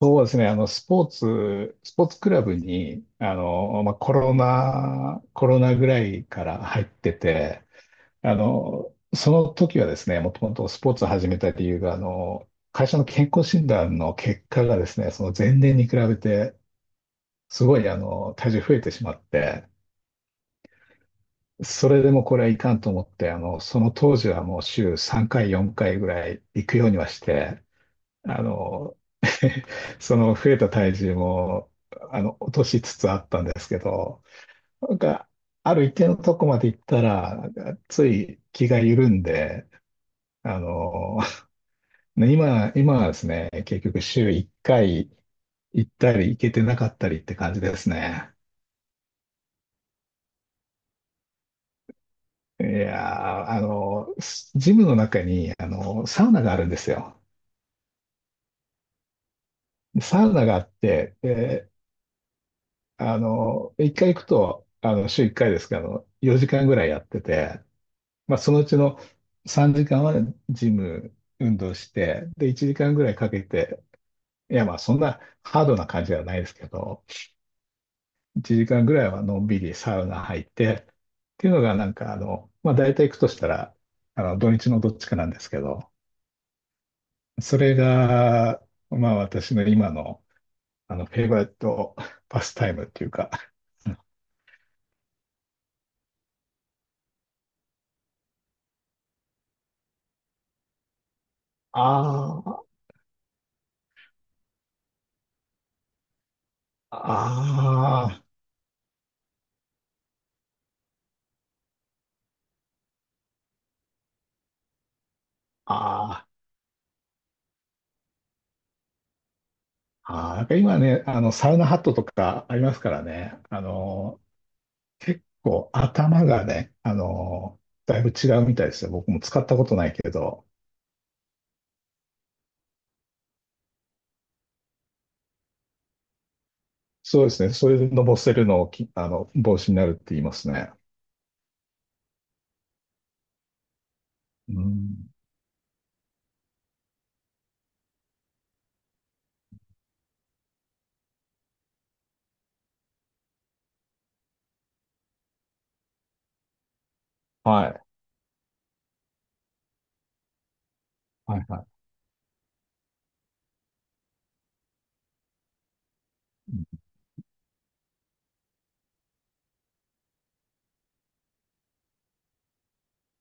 そうですね。スポーツクラブに、まあ、コロナぐらいから入ってて、その時はですね、もともとスポーツを始めた理由が、会社の健康診断の結果がですね、その前年に比べて、すごい、体重増えてしまって、それでもこれはいかんと思って、その当時はもう週3回、4回ぐらい行くようにはして、あの、その増えた体重も、落としつつあったんですけど、なんか、ある一定のとこまで行ったら、なんかつい気が緩んで、あの、今はですね、結局週1回行ったり行けてなかったりって感じですね。いやー、ジムの中に、サウナがあるんですよ。サウナがあって、で一回行くと、週一回ですけど、4時間ぐらいやってて、まあ、そのうちの3時間はジム運動して、で、1時間ぐらいかけて、いや、まあ、そんなハードな感じではないですけど、1時間ぐらいはのんびりサウナ入って、っていうのがなんか、まあ、大体行くとしたら、土日のどっちかなんですけど、それが、まあ、私の今の、フェイバリットパスタイムっていうか、あーあー、あーあー、なんか今ね、サウナハットとかありますからね、結構頭がね、だいぶ違うみたいですよ。僕も使ったことないけど、そうですね、それでのぼせるのを帽子になるって言いますね。うん、はい、はい、はい。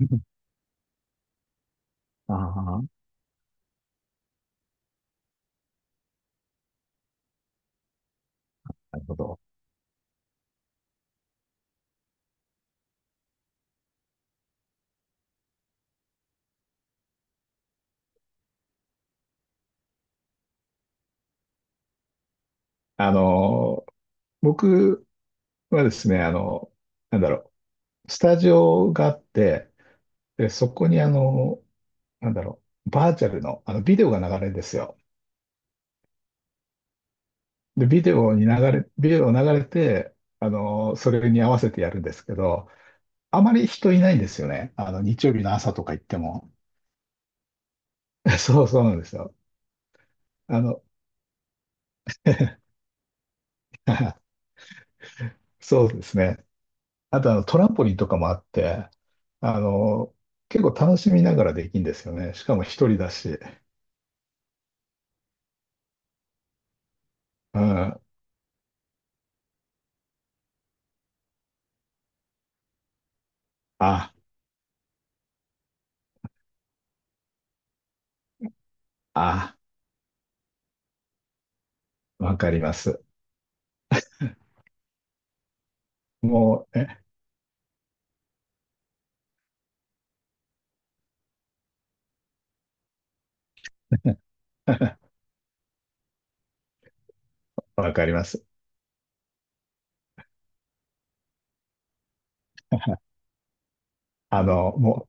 うん ああ、なるほど。あの、僕はですね、なんだろスタジオがあって、で、そこになんだろバーチャルの、ビデオが流れるんですよ。で、ビデオ流れて、それに合わせてやるんですけど、あまり人いないんですよね。日曜日の朝とか行っても。そうそうなんですよ。あの、そうですね。あと、トランポリンとかもあって、あの、結構楽しみながらできるんですよね。しかも一人だし。うん。あ、あ、わかります。もう、わかります。もう、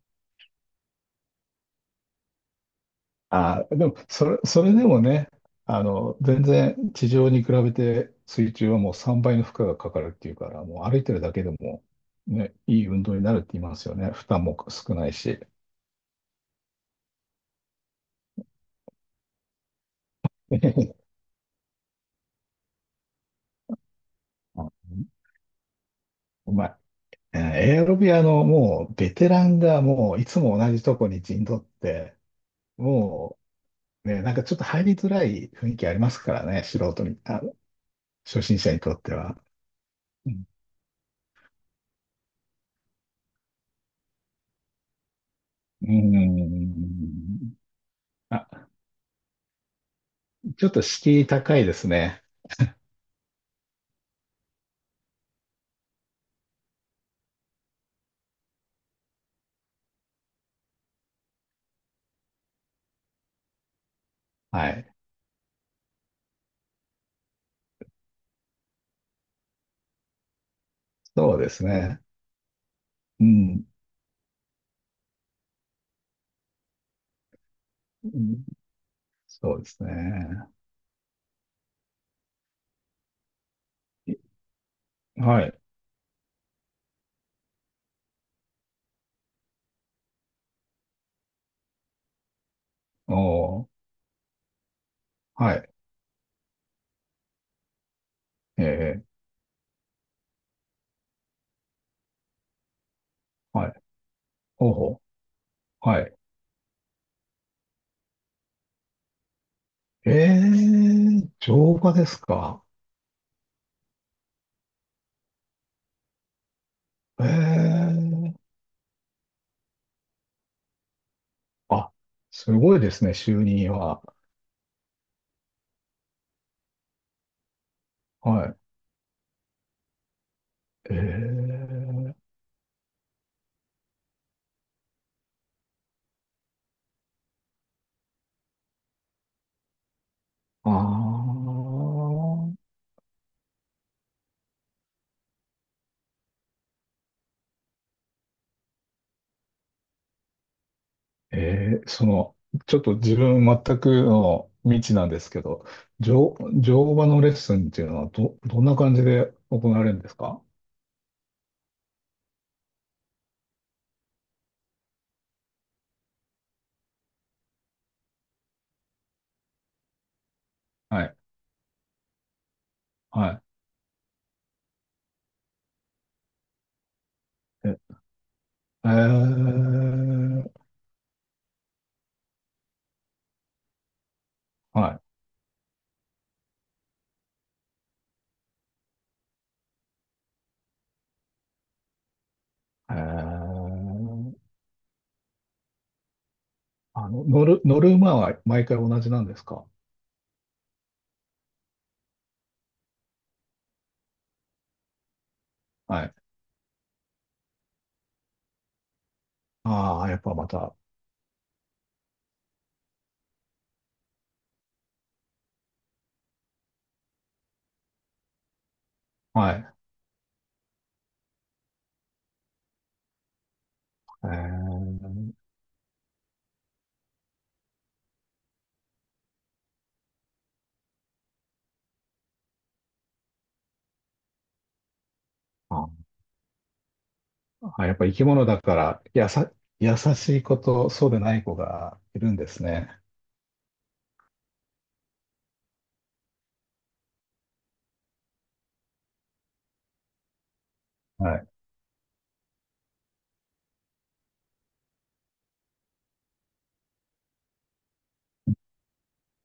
あー、でも、それでもね、全然地上に比べて水中はもう3倍の負荷がかかるっていうから、もう歩いてるだけでも、ね、いい運動になるって言いますよね。負担も少ないし。あうまい。えーエアロビアのもうベテランがもういつも同じとこに陣取って、もうね、なんかちょっと入りづらい雰囲気ありますからね、素人に、あ、初心者にとっては。うん。うーんあ、ちょっと敷居高いですね。はい。そうですね。うん。うんそうですね。いはい。おー、はい。ええはい。ほうほう。はい。ええ乗馬ですか？ええあ、すごいですね、就任は。はい。ええああ、ええちょっと自分全くの未知なんですけど、乗、乗馬のレッスンっていうのはどんな感じで行われるんですか？はいはい。え、えー、はい。乗る馬は毎回同じなんですか？はい。ああ、やっぱまた、はい。えー、あ、あやっぱ生き物だから、優しい子とそうでない子がいるんですね。はい。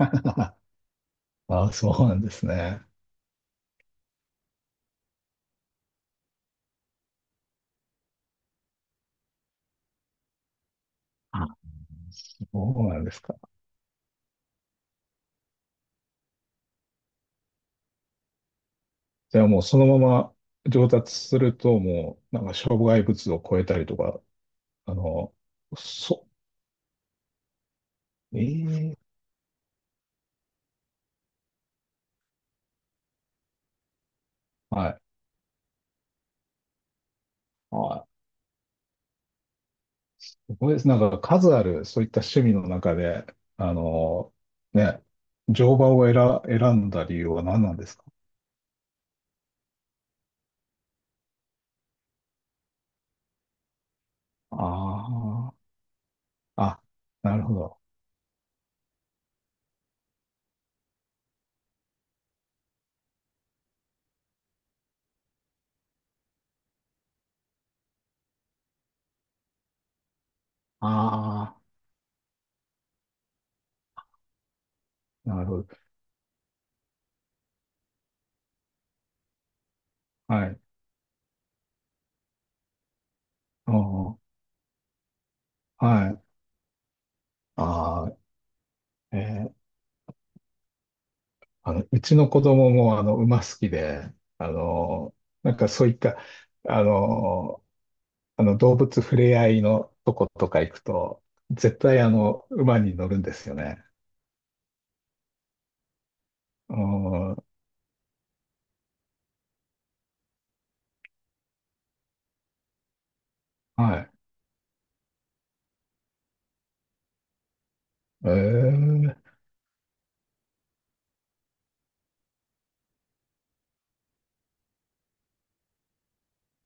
ああ、そうなんですね。あそうなんですか。じゃあもうそのまま上達すると、もう、なんか障害物を超えたりとか、あの、そ、ええはい。はい。これです。なんか数あるそういった趣味の中で、あの、ね、乗馬を選んだ理由は何なんですか？ああ、あ、なるほど。ああ、なるほど。はい。うんうんはい。ああ、えーうちの子供も、馬好きで、あの、なんかそういった、あの、動物触れ合いのとことか行くと、絶対、馬に乗るんですよね。うんはい。ええ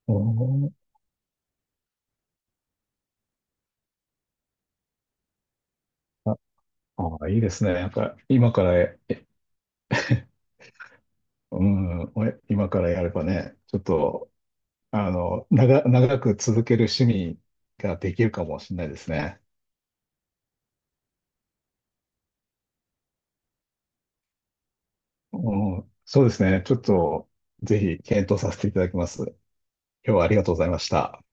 おーあ、あ、いいですね。なんか、今から、うん、今からやればね、ちょっと、長く続ける趣味ができるかもしれないですね。うん、そうですね。ちょっと、ぜひ検討させていただきます。今日はありがとうございました。